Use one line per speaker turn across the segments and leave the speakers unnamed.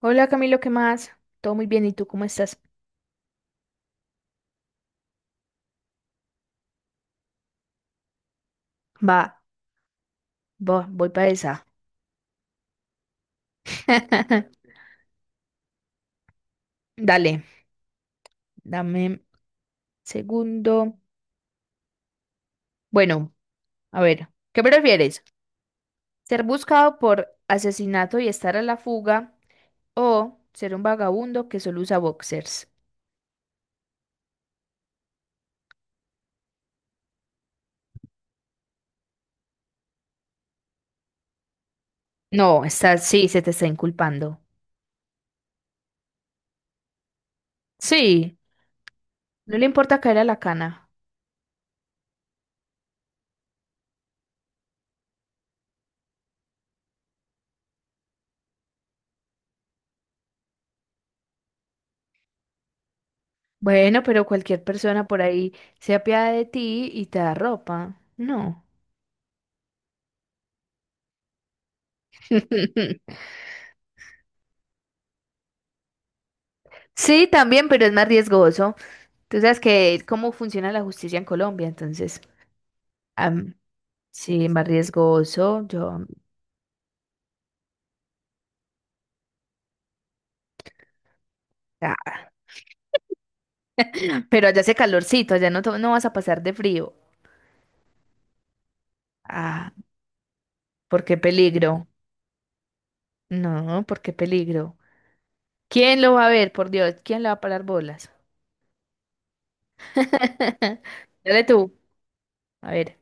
Hola Camilo, ¿qué más? Todo muy bien, ¿y tú cómo estás? Va, va, voy para esa. Dale, dame un segundo. Bueno, a ver, ¿qué prefieres? ¿Ser buscado por asesinato y estar a la fuga o ser un vagabundo que solo usa boxers? No, está, sí, se te está inculpando. Sí, no le importa caer a la cana. Bueno, pero cualquier persona por ahí se apiada de ti y te da ropa. No. Sí, también, pero es más riesgoso. Tú sabes que cómo funciona la justicia en Colombia, entonces, am, sí, más riesgoso. Yo, ah, pero allá hace calorcito, allá no, no vas a pasar de frío. Ah, ¿por qué peligro? No, ¿por qué peligro? ¿Quién lo va a ver, por Dios? ¿Quién le va a parar bolas? Dale tú. A ver.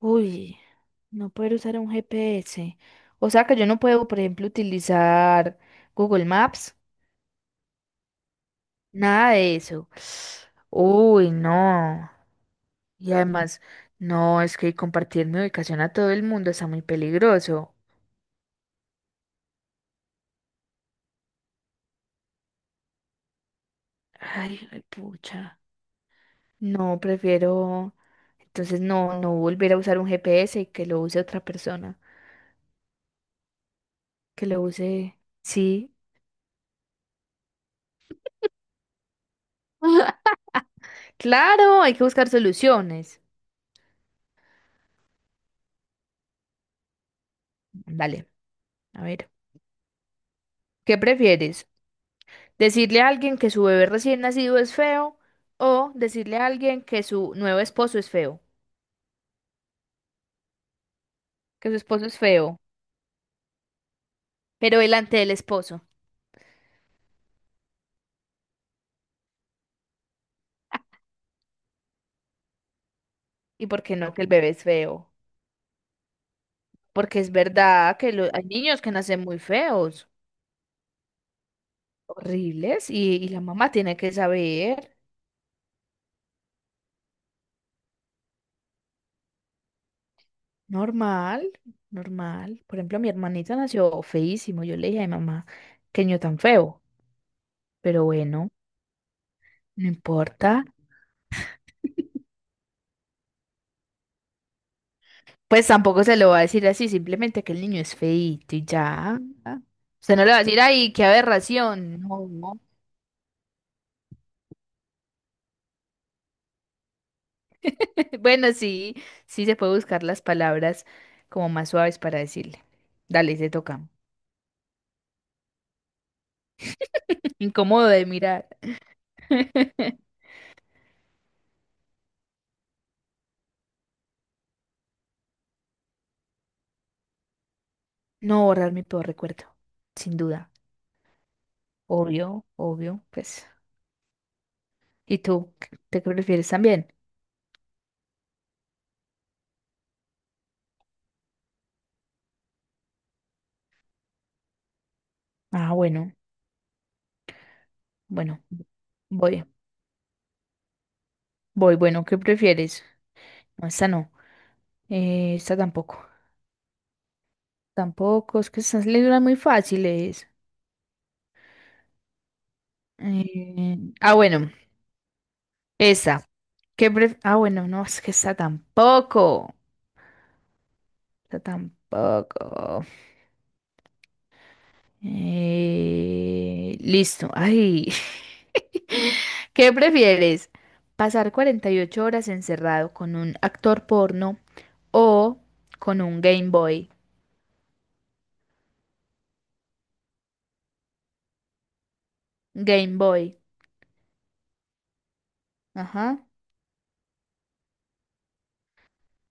Uy, no poder usar un GPS. O sea que yo no puedo, por ejemplo, utilizar Google Maps. Nada de eso. Uy, no. Y además, no, es que compartir mi ubicación a todo el mundo está muy peligroso. Ay, ay, pucha. No, prefiero. Entonces, no, no volver a usar un GPS y que lo use otra persona. Que lo use. Sí. Claro, hay que buscar soluciones. Dale, a ver. ¿Qué prefieres? ¿Decirle a alguien que su bebé recién nacido es feo o decirle a alguien que su nuevo esposo es feo? Que su esposo es feo. Pero delante del esposo. ¿Y por qué no que el bebé es feo? Porque es verdad que hay niños que nacen muy feos, horribles, y, la mamá tiene que saber. Normal, normal. Por ejemplo, mi hermanito nació feísimo. Yo le dije a mamá, qué niño tan feo. Pero bueno, no importa. Pues tampoco se lo va a decir así, simplemente que el niño es feíto y ya. Usted no le va a decir, ay, qué aberración. No, no. Bueno, sí, sí se puede buscar las palabras como más suaves para decirle. Dale, se toca. Incómodo de mirar. No borrar mi peor recuerdo, sin duda. Obvio, obvio, pues. ¿Y tú? ¿Te qué prefieres también? Ah, bueno, bueno, voy, voy, bueno, ¿qué prefieres? No, esta no. Esta tampoco. Tampoco, es que estas le duran muy fáciles. Bueno, esta. Ah, bueno, no, es que esta tampoco. Yo tampoco. Listo. Ay. ¿Qué prefieres? ¿Pasar 48 horas encerrado con un actor porno o con un Game Boy? Game Boy. Ajá.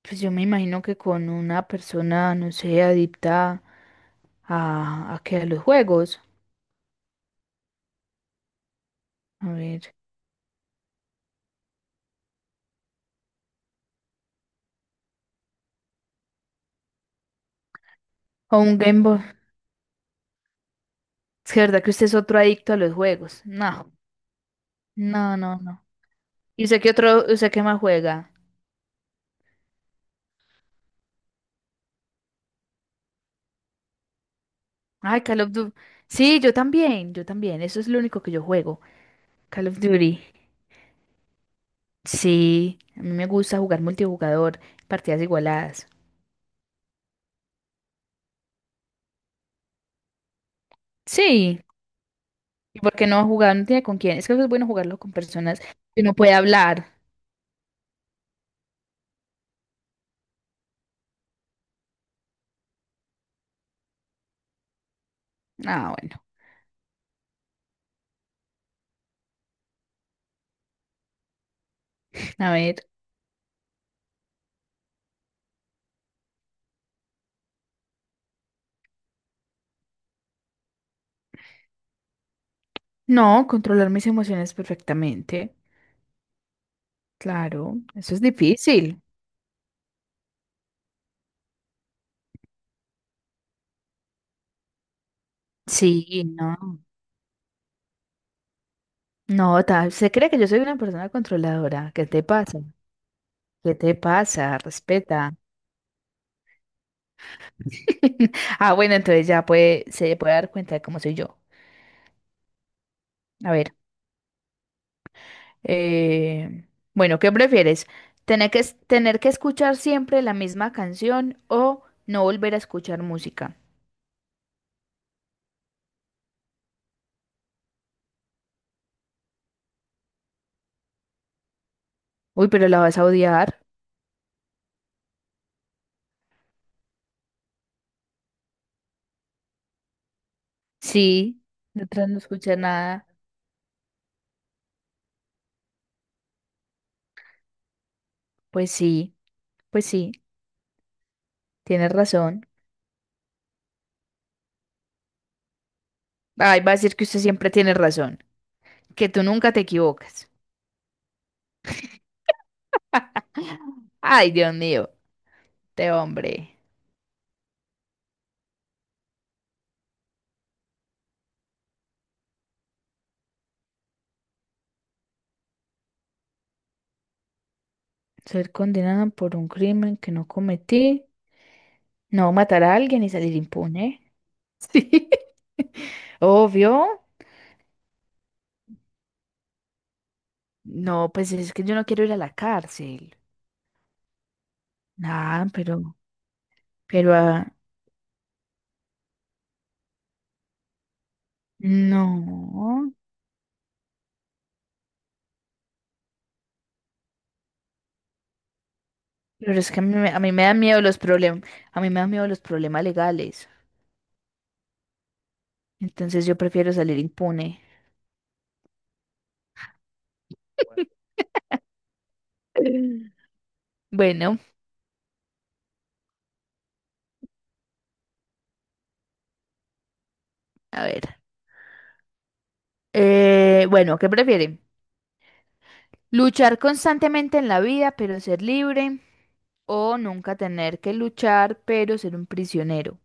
Pues yo me imagino que con una persona, no sé, adicta a qué, a los juegos. A ver. O un Game Boy. Es que verdad que usted es otro adicto a los juegos. No, no, no, no. ¿Y usted qué otro, usted qué más juega? Ay, Call of Duty. Sí, yo también, yo también. Eso es lo único que yo juego. Call of Duty. Sí, a mí me gusta jugar multijugador, partidas igualadas. Sí, ¿y por qué no jugar? No tiene con quién. Es que es bueno jugarlo con personas que uno puede hablar. Ah, bueno. A ver. No, controlar mis emociones perfectamente. Claro, eso es difícil. Sí, no. No, se cree que yo soy una persona controladora. ¿Qué te pasa? ¿Qué te pasa? Respeta. Ah, bueno, entonces ya puede, se puede dar cuenta de cómo soy yo. A ver. eh, bueno, ¿qué prefieres? ¿Tener que escuchar siempre la misma canción o no volver a escuchar música? Uy, pero la vas a odiar. Sí, detrás no escuchar nada. Pues sí, pues sí, tienes razón. Ay, va a decir que usted siempre tiene razón, que tú nunca te equivocas. Ay, Dios mío, te hombre. Ser condenada por un crimen que no cometí. No matar a alguien y salir impune. Sí. Obvio. No, pues es que yo no quiero ir a la cárcel. Nah, pero, pero, ah, no. Pero es que a mí, a mí me dan miedo los problemas, a mí me dan miedo los problemas legales. Entonces yo prefiero salir impune. Bueno, a ver. Bueno, ¿qué prefieren? ¿Luchar constantemente en la vida, pero ser libre? ¿O nunca tener que luchar, pero ser un prisionero?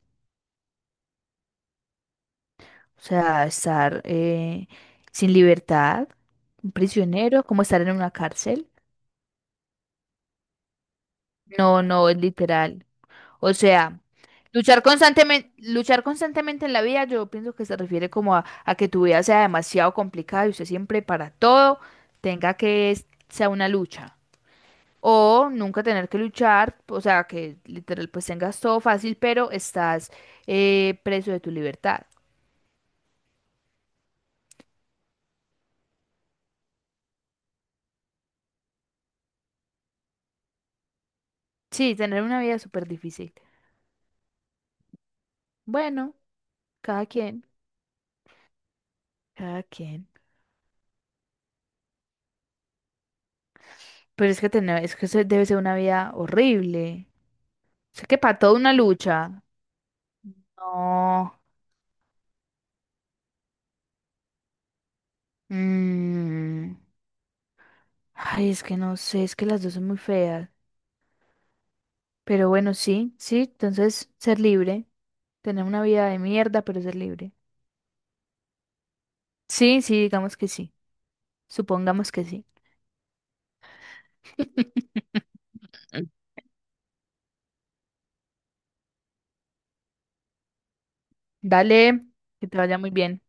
O sea, estar sin libertad, un prisionero, como estar en una cárcel. No, no, es literal. O sea, luchar constantemente en la vida, yo pienso que se refiere como a que tu vida sea demasiado complicada y usted siempre para todo tenga que sea una lucha. O nunca tener que luchar, o sea, que literal pues tengas todo fácil, pero estás preso de tu libertad. Sí, tener una vida súper difícil. Bueno, cada quien. Cada quien. Pero es que tener, es que eso debe ser una vida horrible. O sea, que para toda una lucha. No. Mm. Ay, es que no sé, es que las dos son muy feas. Pero bueno, sí, sí, entonces ser libre. Tener una vida de mierda, pero ser libre. Sí, sí, digamos que sí. Supongamos que sí. Dale, que te vaya muy bien.